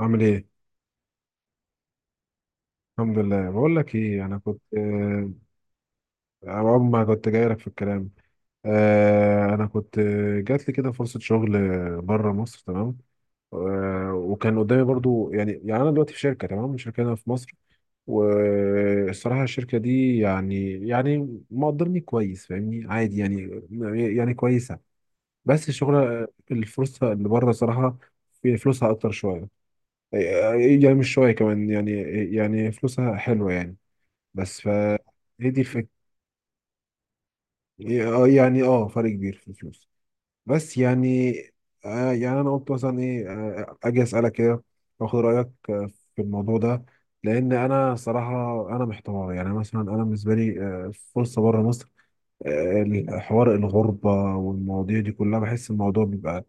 عامل ايه؟ الحمد لله. بقول لك ايه، انا كنت اول ما كنت جاي لك في الكلام. انا كنت، جات لي كده فرصة شغل بره مصر. تمام. وكان قدامي برضو، يعني انا دلوقتي في شركة، تمام، شركة هنا في مصر. والصراحة الشركة دي يعني مقدرني كويس، فاهمني، عادي يعني، يعني كويسة. بس الشغل، الفرصة اللي بره، صراحة في فلوسها أكتر شوية. يعني مش شوية كمان يعني، يعني فلوسها حلوة يعني. بس ف، هي دي الفكرة. إيه، اه يعني اه فرق كبير في الفلوس، بس يعني. يعني انا قلت مثلا ايه، اجي اسالك كده، واخد رايك في الموضوع ده. لان انا صراحة انا محتار، يعني مثلا انا بالنسبة لي فرصة بره مصر، آه حوار الغربة والمواضيع دي كلها، بحس الموضوع بيبقى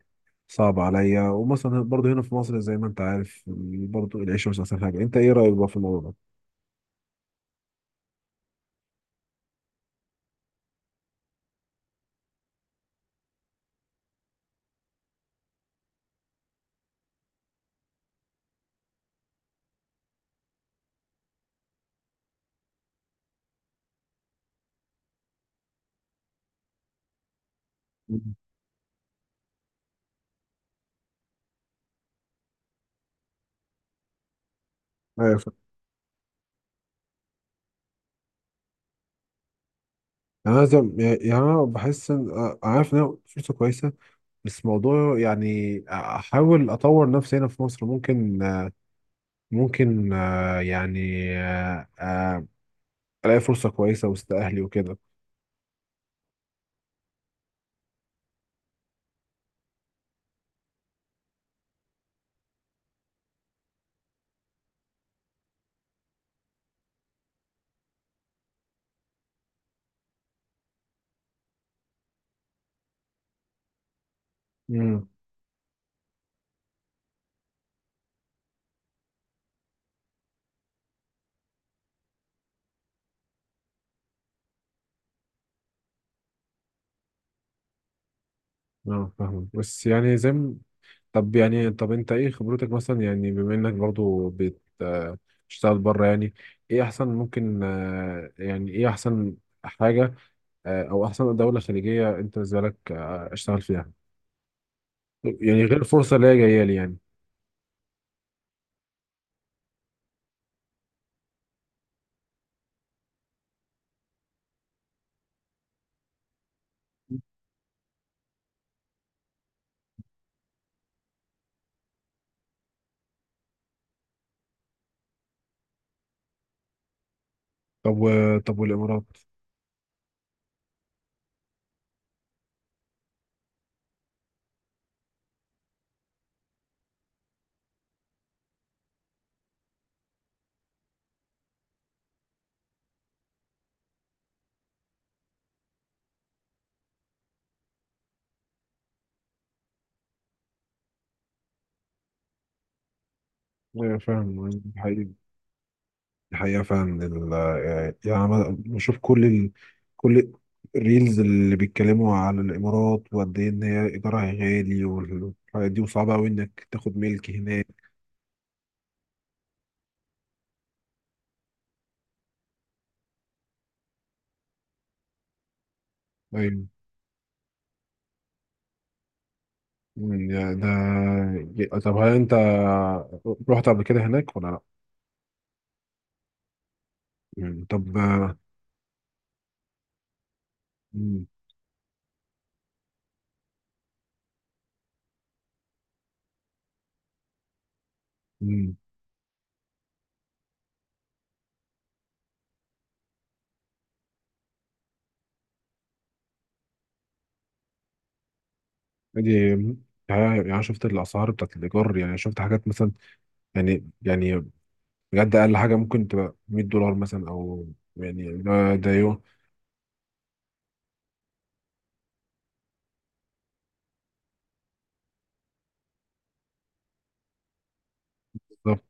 صعب عليا. ومثلا برضه هنا في مصر زي ما انت عارف، برضه العيشة مش احسن حاجة. انت ايه رايك بقى في الموضوع ده؟ مم. يعني انا يعني انا بحس ان، عارف ان انا فرصه كويسه. بس موضوع، يعني احاول اطور نفسي هنا في مصر، ممكن، ممكن، يعني آه، آه، الاقي فرصه كويسه وسط اهلي وكده. امم، اه فاهم. بس يعني زي طب يعني، طب انت ايه خبرتك مثلا، يعني بما انك برضو بتشتغل بره يعني. ايه احسن، ممكن، يعني ايه احسن حاجه، او احسن دوله خليجيه انت بالنسبه لك اشتغل فيها، يعني غير الفرصة اللي هي جاية لي يعني. طب طب والإمارات؟ أيوة، فاهم. الحقيقة، الحقيقة فعلا يعني أنا بشوف كل كل الريلز اللي بيتكلموا على الإمارات، وقد إيه إن هي إيجارها غالي والحاجات دي، وصعبة أوي إنك تاخد ملك هناك. أيوة. أمم، يعني ده، طب هل أنت رحت قبل كده هناك ولا لأ؟ يعني طب أمم. أمم. دي، يعني أنا شفت الأسعار بتاعت الإيجار، يعني شفت حاجات مثلا، يعني، يعني بجد اقل حاجه ممكن تبقى 100 دولار مثلا او، يعني ده، ده يوم. بالظبط.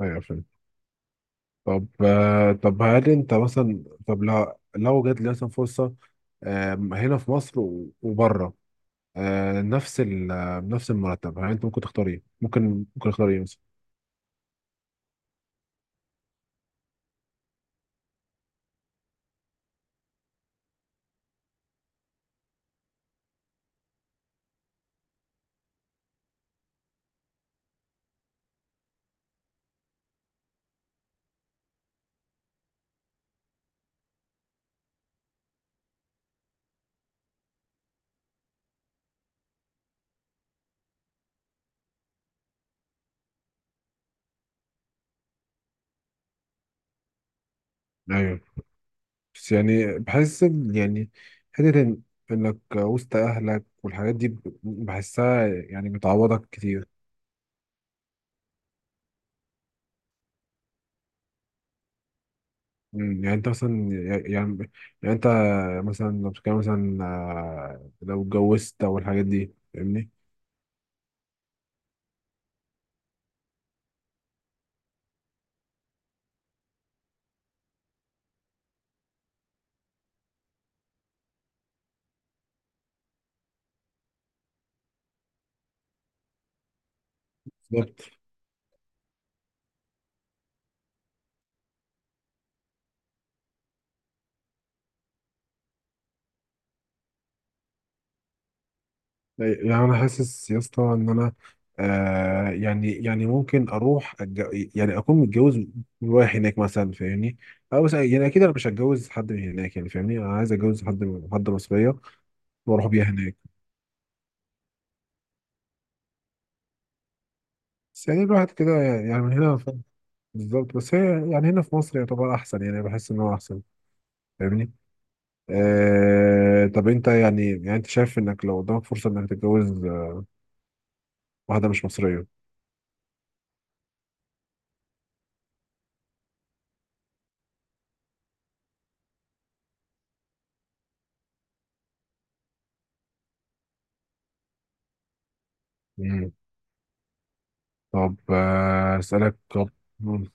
ايوه، فهمت. طب طب هل انت مثلا، طب لو لو جات لي مثلا فرصه هنا في مصر وبره، نفس ال، نفس المرتب، هل انت ممكن تختار ايه؟ ممكن ممكن اختار ايه مثلا؟ ايوه. بس يعني بحس يعني، حته انك وسط اهلك والحاجات دي، بحسها يعني، بتعوضك كتير. مم، يعني انت مثلا، يعني، يعني انت مثلا لو بتتكلم مثلا لو اتجوزت او الحاجات دي فاهمني. بالظبط. يعني انا حاسس يا اسطى ان انا، يعني، يعني ممكن اروح يعني اكون متجوز، رايح هناك مثلا فاهمني. او مثلا، يعني اكيد انا مش هتجوز حد من هناك يعني، فاهمني، انا عايز اتجوز حد من، حد مصريه، واروح بيها هناك. بس يعني الواحد كده يعني، يعني من هنا بالظبط. بس هي يعني، هنا في مصر يعتبر احسن، يعني بحس ان هو احسن، فاهمني. طب انت يعني، يعني انت شايف انك لو قدامك فرصة انك تتجوز واحدة مش مصرية؟ مم. طب اسألك. طب. مم.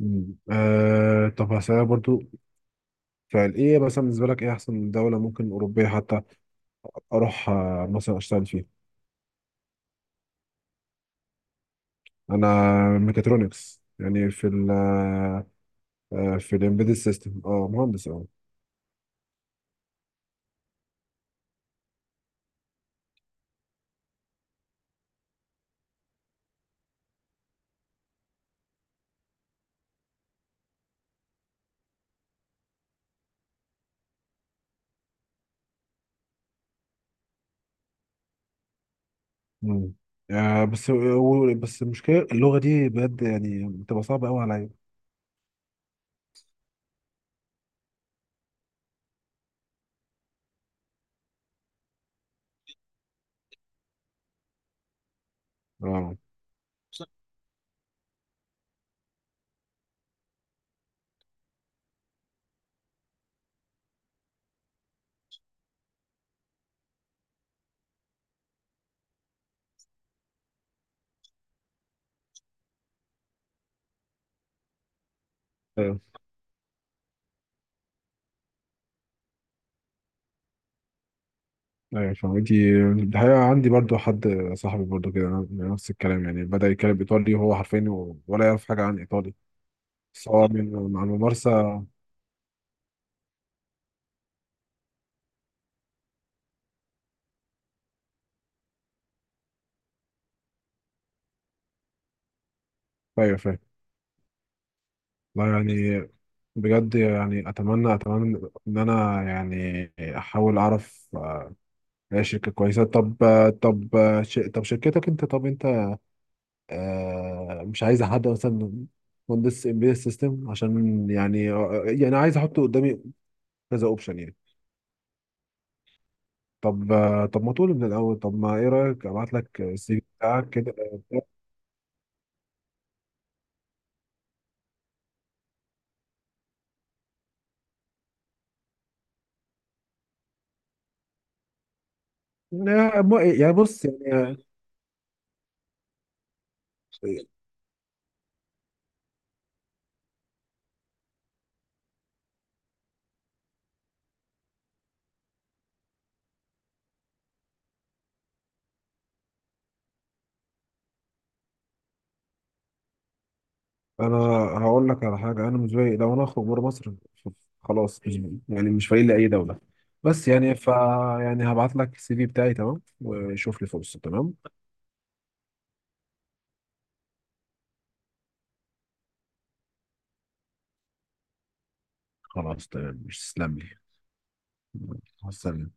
طب هسألك برضو، فعل ايه مثلا بالنسبة لك، ايه احسن دولة ممكن اوروبية حتى اروح مثلا اشتغل فيها. انا ميكاترونكس، يعني في ال، في الامبيدد سيستم، اه مهندس اه. مم. بس، بس المشكلة اللغة دي بجد، يعني بتبقى صعبة قوي عليا. اه ايوه، أيوة، فاهم. دي الحقيقة عندي برضو حد، صاحبي برضو كده نفس الكلام، يعني بدأ يتكلم ايطالي وهو حرفيا ولا يعرف حاجة عن ايطالي. سواء صح، من مع الممارسة. ايوه فاهم. لا يعني، بجد يعني، اتمنى، اتمنى ان انا يعني احاول اعرف اي شركة كويسة. طب، طب طب شركتك انت، طب انت مش عايز حد مثلا مهندس امبيدد سيستم، عشان يعني يعني عايز احط قدامي كذا اوبشن يعني. طب، طب ما تقول من الاول. طب، ما ايه رايك ابعت لك السي في بتاعك كده. يعني بص يعني، انا هقول لك على حاجه، انا بالنسبه لي لو انا اخرج بره مصر ف- خلاص، مش، يعني مش فايل لاي دوله. بس يعني ف، يعني هبعت لك السي في بتاعي تمام، وشوف لي فرصه تمام. خلاص تمام، مش تسلم لي. مع السلامة.